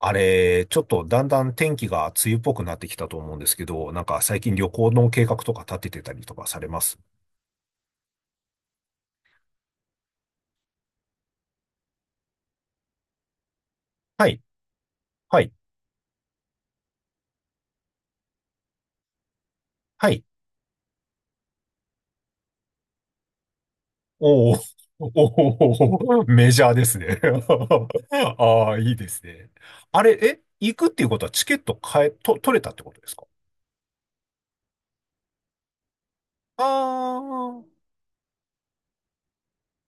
あれ、ちょっとだんだん天気が梅雨っぽくなってきたと思うんですけど、なんか最近旅行の計画とか立ててたりとかされます？はい、はい、はい。おー、おー、おーメジャーですね。ああ、いいですね。あれ、え、行くっていうことはチケット買え、と、取れたってことですか？ああー、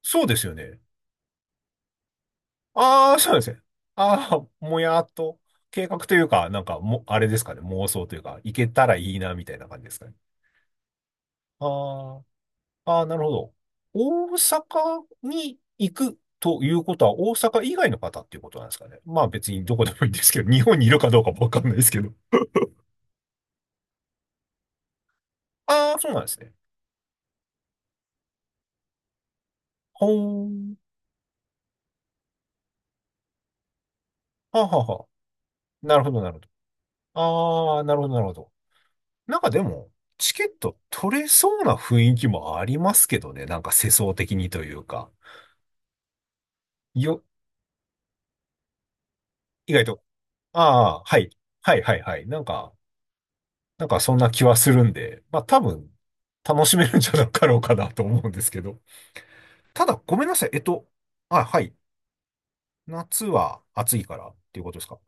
そうですよね。ああ、そうですね。ああ、もやっと、計画というか、なんかも、あれですかね、妄想というか、行けたらいいな、みたいな感じですかね。ああ。ああ、なるほど。大阪に行くということは、大阪以外の方っていうことなんですかね。まあ別にどこでもいいんですけど、日本にいるかどうかもわかんないですけど。ああ、そうなんですね。ほーん。はあはあはあ。なるほど、なるほど。ああ、なるほど、なるほど。なんかでも、チケット取れそうな雰囲気もありますけどね。なんか世相的にというか。よ、意外と。ああ、はい。はい、はい、はい。なんか、なんかそんな気はするんで、まあ多分、楽しめるんじゃなかろうかなと思うんですけど。ただ、ごめんなさい。あ、はい。夏は暑いからっていうことですか。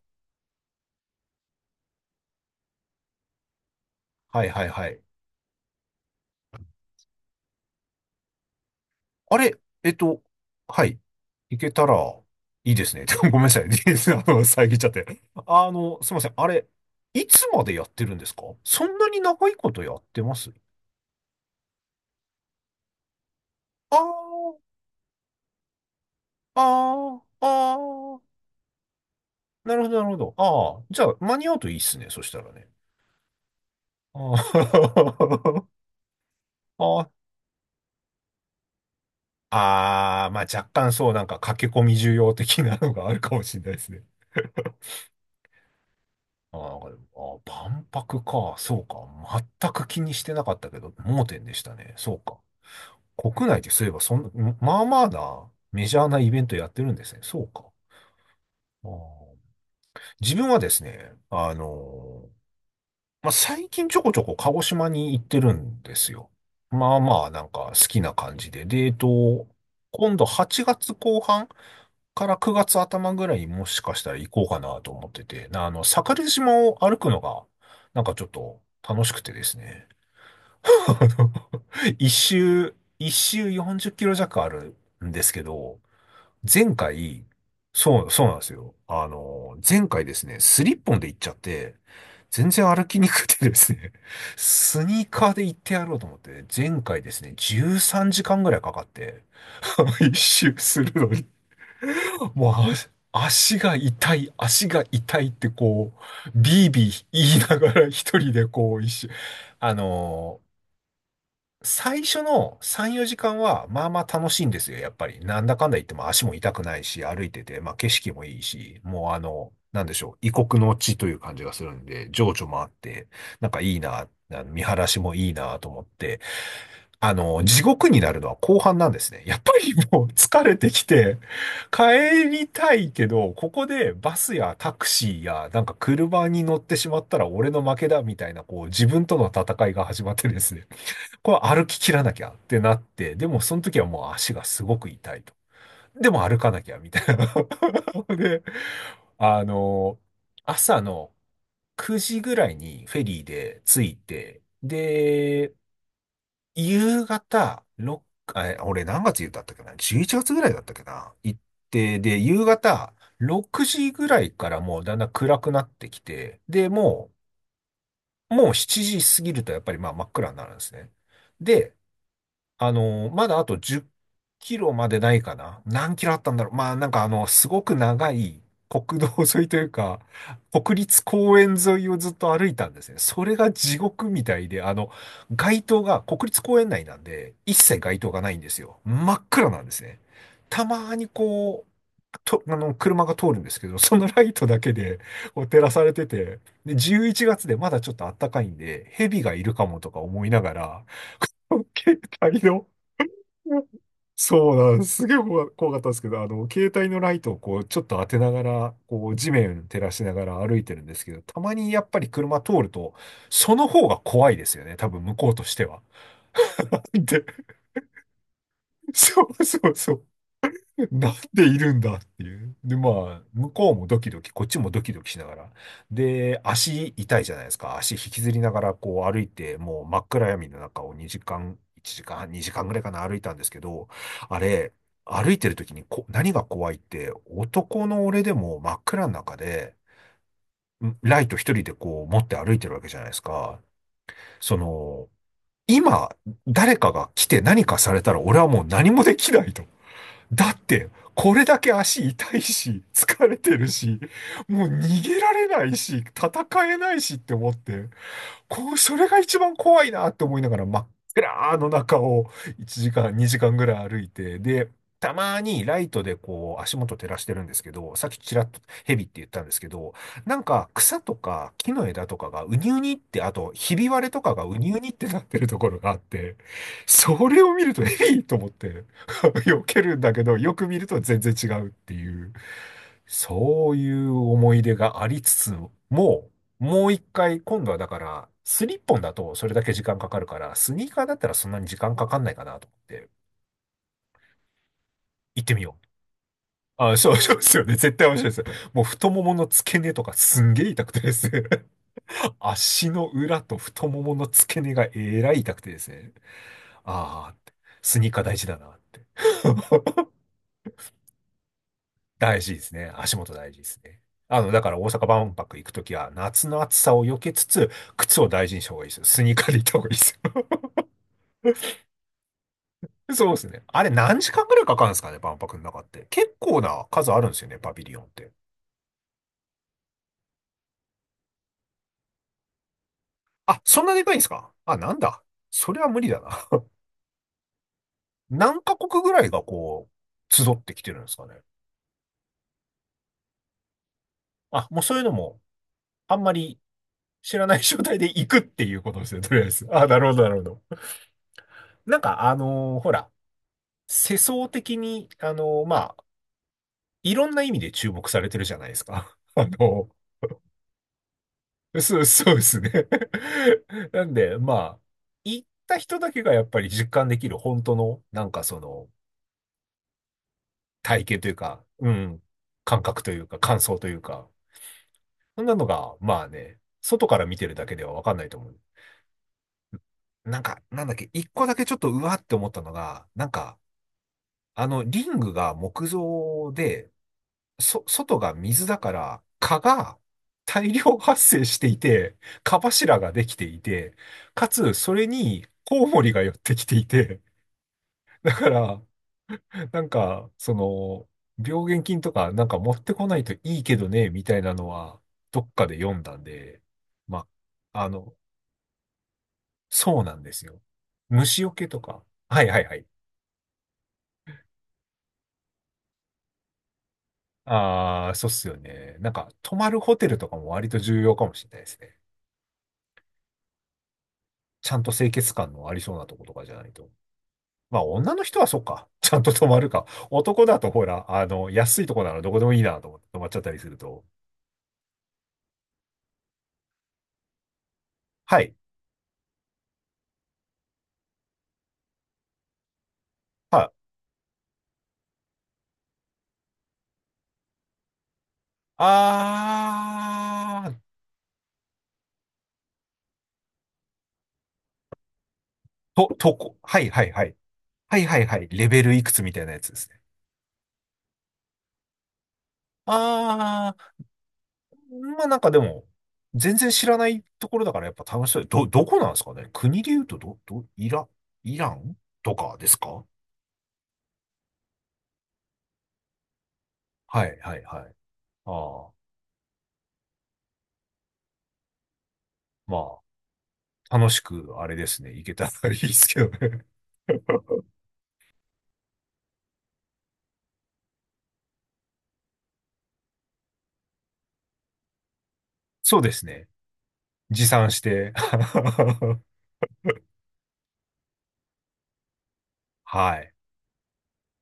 はいはいはい。あれ、はい。行けたらいいですね。ごめんなさい。遮っちゃって。すいません。あれ、いつまでやってるんですか？そんなに長いことやってます？あー、あー、あー、なるほど、なるほど。ああ、じゃあ、間に合うといいっすね。そしたらね。あー あ、ああ、まあ若干そう、なんか駆け込み需要的なのがあるかもしれないですね。あー、なんか、あー、万博か、そうか。全く気にしてなかったけど、盲点でしたね。そうか。国内でそういえば、そんな、まあまあな、メジャーなイベントやってるんですね。そうか。あー、自分はですね、まあ、最近ちょこちょこ鹿児島に行ってるんですよ。まあまあ、なんか好きな感じで。で、今度8月後半から9月頭ぐらいもしかしたら行こうかなと思ってて、な、あの、桜島を歩くのが、なんかちょっと楽しくてですね。あの、一周40キロ弱あるんですけど、前回、そう、そうなんですよ。あの、前回ですね、スリッポンで行っちゃって、全然歩きにくくてですね、スニーカーで行ってやろうと思って、前回ですね、13時間ぐらいかかって、一周するのに、 もう、あ、足が痛い、足が痛いってこう、ビービー言いながら一人でこう一周。あのー最初の3、4時間はまあまあ楽しいんですよ、やっぱり。なんだかんだ言っても足も痛くないし、歩いてて、まあ景色もいいし、もうあの、なんでしょう、異国の地という感じがするんで、情緒もあって、なんかいいな、あの見晴らしもいいなと思って、あの、地獄になるのは後半なんですね。やっぱりもう疲れてきて、帰りたいけど、ここでバスやタクシーやなんか車に乗ってしまったら俺の負けだみたいな、こう自分との戦いが始まってですね。これ歩き切らなきゃってなって、でもその時はもう足がすごく痛いと。でも歩かなきゃみたいな。で、あの、朝の9時ぐらいにフェリーで着いて、で、夕方、6、あ、え、俺何月だったっけな？ 11 月ぐらいだったっけな、行って、で、夕方、6時ぐらいからもうだんだん暗くなってきて、で、もう7時過ぎるとやっぱりまあ真っ暗になるんですね。で、あの、まだあと10キロまでないかな。何キロあったんだろう。まあなんかあの、すごく長い国道沿いというか、国立公園沿いをずっと歩いたんですね。それが地獄みたいで、あの、街灯が、国立公園内なんで、一切街灯がないんですよ。真っ暗なんですね。たまにこう、あの、車が通るんですけど、そのライトだけでこう照らされてて、で、11月でまだちょっと暖かいんで、蛇がいるかもとか思いながら、携帯の、そうなんです。すげえ怖かったんですけど、あの、携帯のライトをこう、ちょっと当てながら、こう、地面照らしながら歩いてるんですけど、たまにやっぱり車通ると、その方が怖いですよね。多分、向こうとしては。で、そうそうそう。なんでいるんだっていう。で、まあ、向こうもドキドキ、こっちもドキドキしながら。で、足痛いじゃないですか。足引きずりながらこう歩いて、もう真っ暗闇の中を2時間、1時間、2時間ぐらいかな歩いたんですけど、あれ、歩いてる時に何が怖いって、男の俺でも真っ暗の中で、んライト一人でこう持って歩いてるわけじゃないですか。その、今、誰かが来て何かされたら俺はもう何もできないと。だって、これだけ足痛いし、疲れてるし、もう逃げられないし、戦えないしって思って。こう、それが一番怖いなって思いながら真っ暗の中を1時間、2時間ぐらい歩いて、で、たまにライトでこう足元照らしてるんですけど、さっきちらっとヘビって言ったんですけど、なんか草とか木の枝とかがうにうにって、あとひび割れとかがうにうにってなってるところがあって、それを見るとヘビと思って 避けるんだけど、よく見ると全然違うっていう、そういう思い出がありつつも、もう一回、今度はだから、スリッポンだとそれだけ時間かかるから、スニーカーだったらそんなに時間かかんないかなと思って、行ってみよう。あ、そう、そうですよね。絶対面白いです。もう太ももの付け根とかすんげえ痛くてですね。足の裏と太ももの付け根がえらい痛くてですね。ああ、スニーカー大事だなって。大事ですね。足元大事ですね。あの、だから大阪万博行くときは夏の暑さを避けつつ、靴を大事にした方がいいですよ。スニーカーで行った方がいいですよ。そうですね。あれ何時間ぐらいかかるんですかね、万博の中って。結構な数あるんですよね、パビリオンって。あ、そんなでかいんですか？あ、なんだ。それは無理だな。何カ国ぐらいがこう、集ってきてるんですかね。あ、もうそういうのも、あんまり知らない状態で行くっていうことですね、とりあえず。あ、なるほど、なるほど。なんか、あのーほら、世相的に、まあ、いろんな意味で注目されてるじゃないですか。あのー そう、そうですね。なんで、まあ、行った人だけがやっぱり実感できる本当の、なんかその、体験というか、うん、感覚というか、感想というか、そんなのが、まあね、外から見てるだけではわかんないと思う。なんか、なんだっけ、一個だけちょっとうわって思ったのが、なんか、あの、リングが木造で、そ、外が水だから、蚊が大量発生していて、蚊柱ができていて、かつ、それにコウモリが寄ってきていて、だから、なんか、その、病原菌とかなんか持ってこないといいけどね、みたいなのは、どっかで読んだんで、ま、あの、そうなんですよ。虫除けとか。はいはいはい。ああ、そうっすよね。なんか、泊まるホテルとかも割と重要かもしれないですね。ちゃんと清潔感のありそうなとことかじゃないと。まあ、女の人はそっか。ちゃんと泊まるか。男だと、ほら、あの、安いとこならどこでもいいなと思って泊まっちゃったりすると。はい。はい。あー、とこ。はいはいはい。はいはいはい。レベルいくつみたいなやつですね。あー、まあなんかでも、全然知らないところだからやっぱ楽しそう。ど、どこなんですかね、国で言うと、イラ、イランとかですか？はいはいはい。ああ、まあ。楽しく、あれですね、いけたらいいですけどね。そうですね。持参して。はい。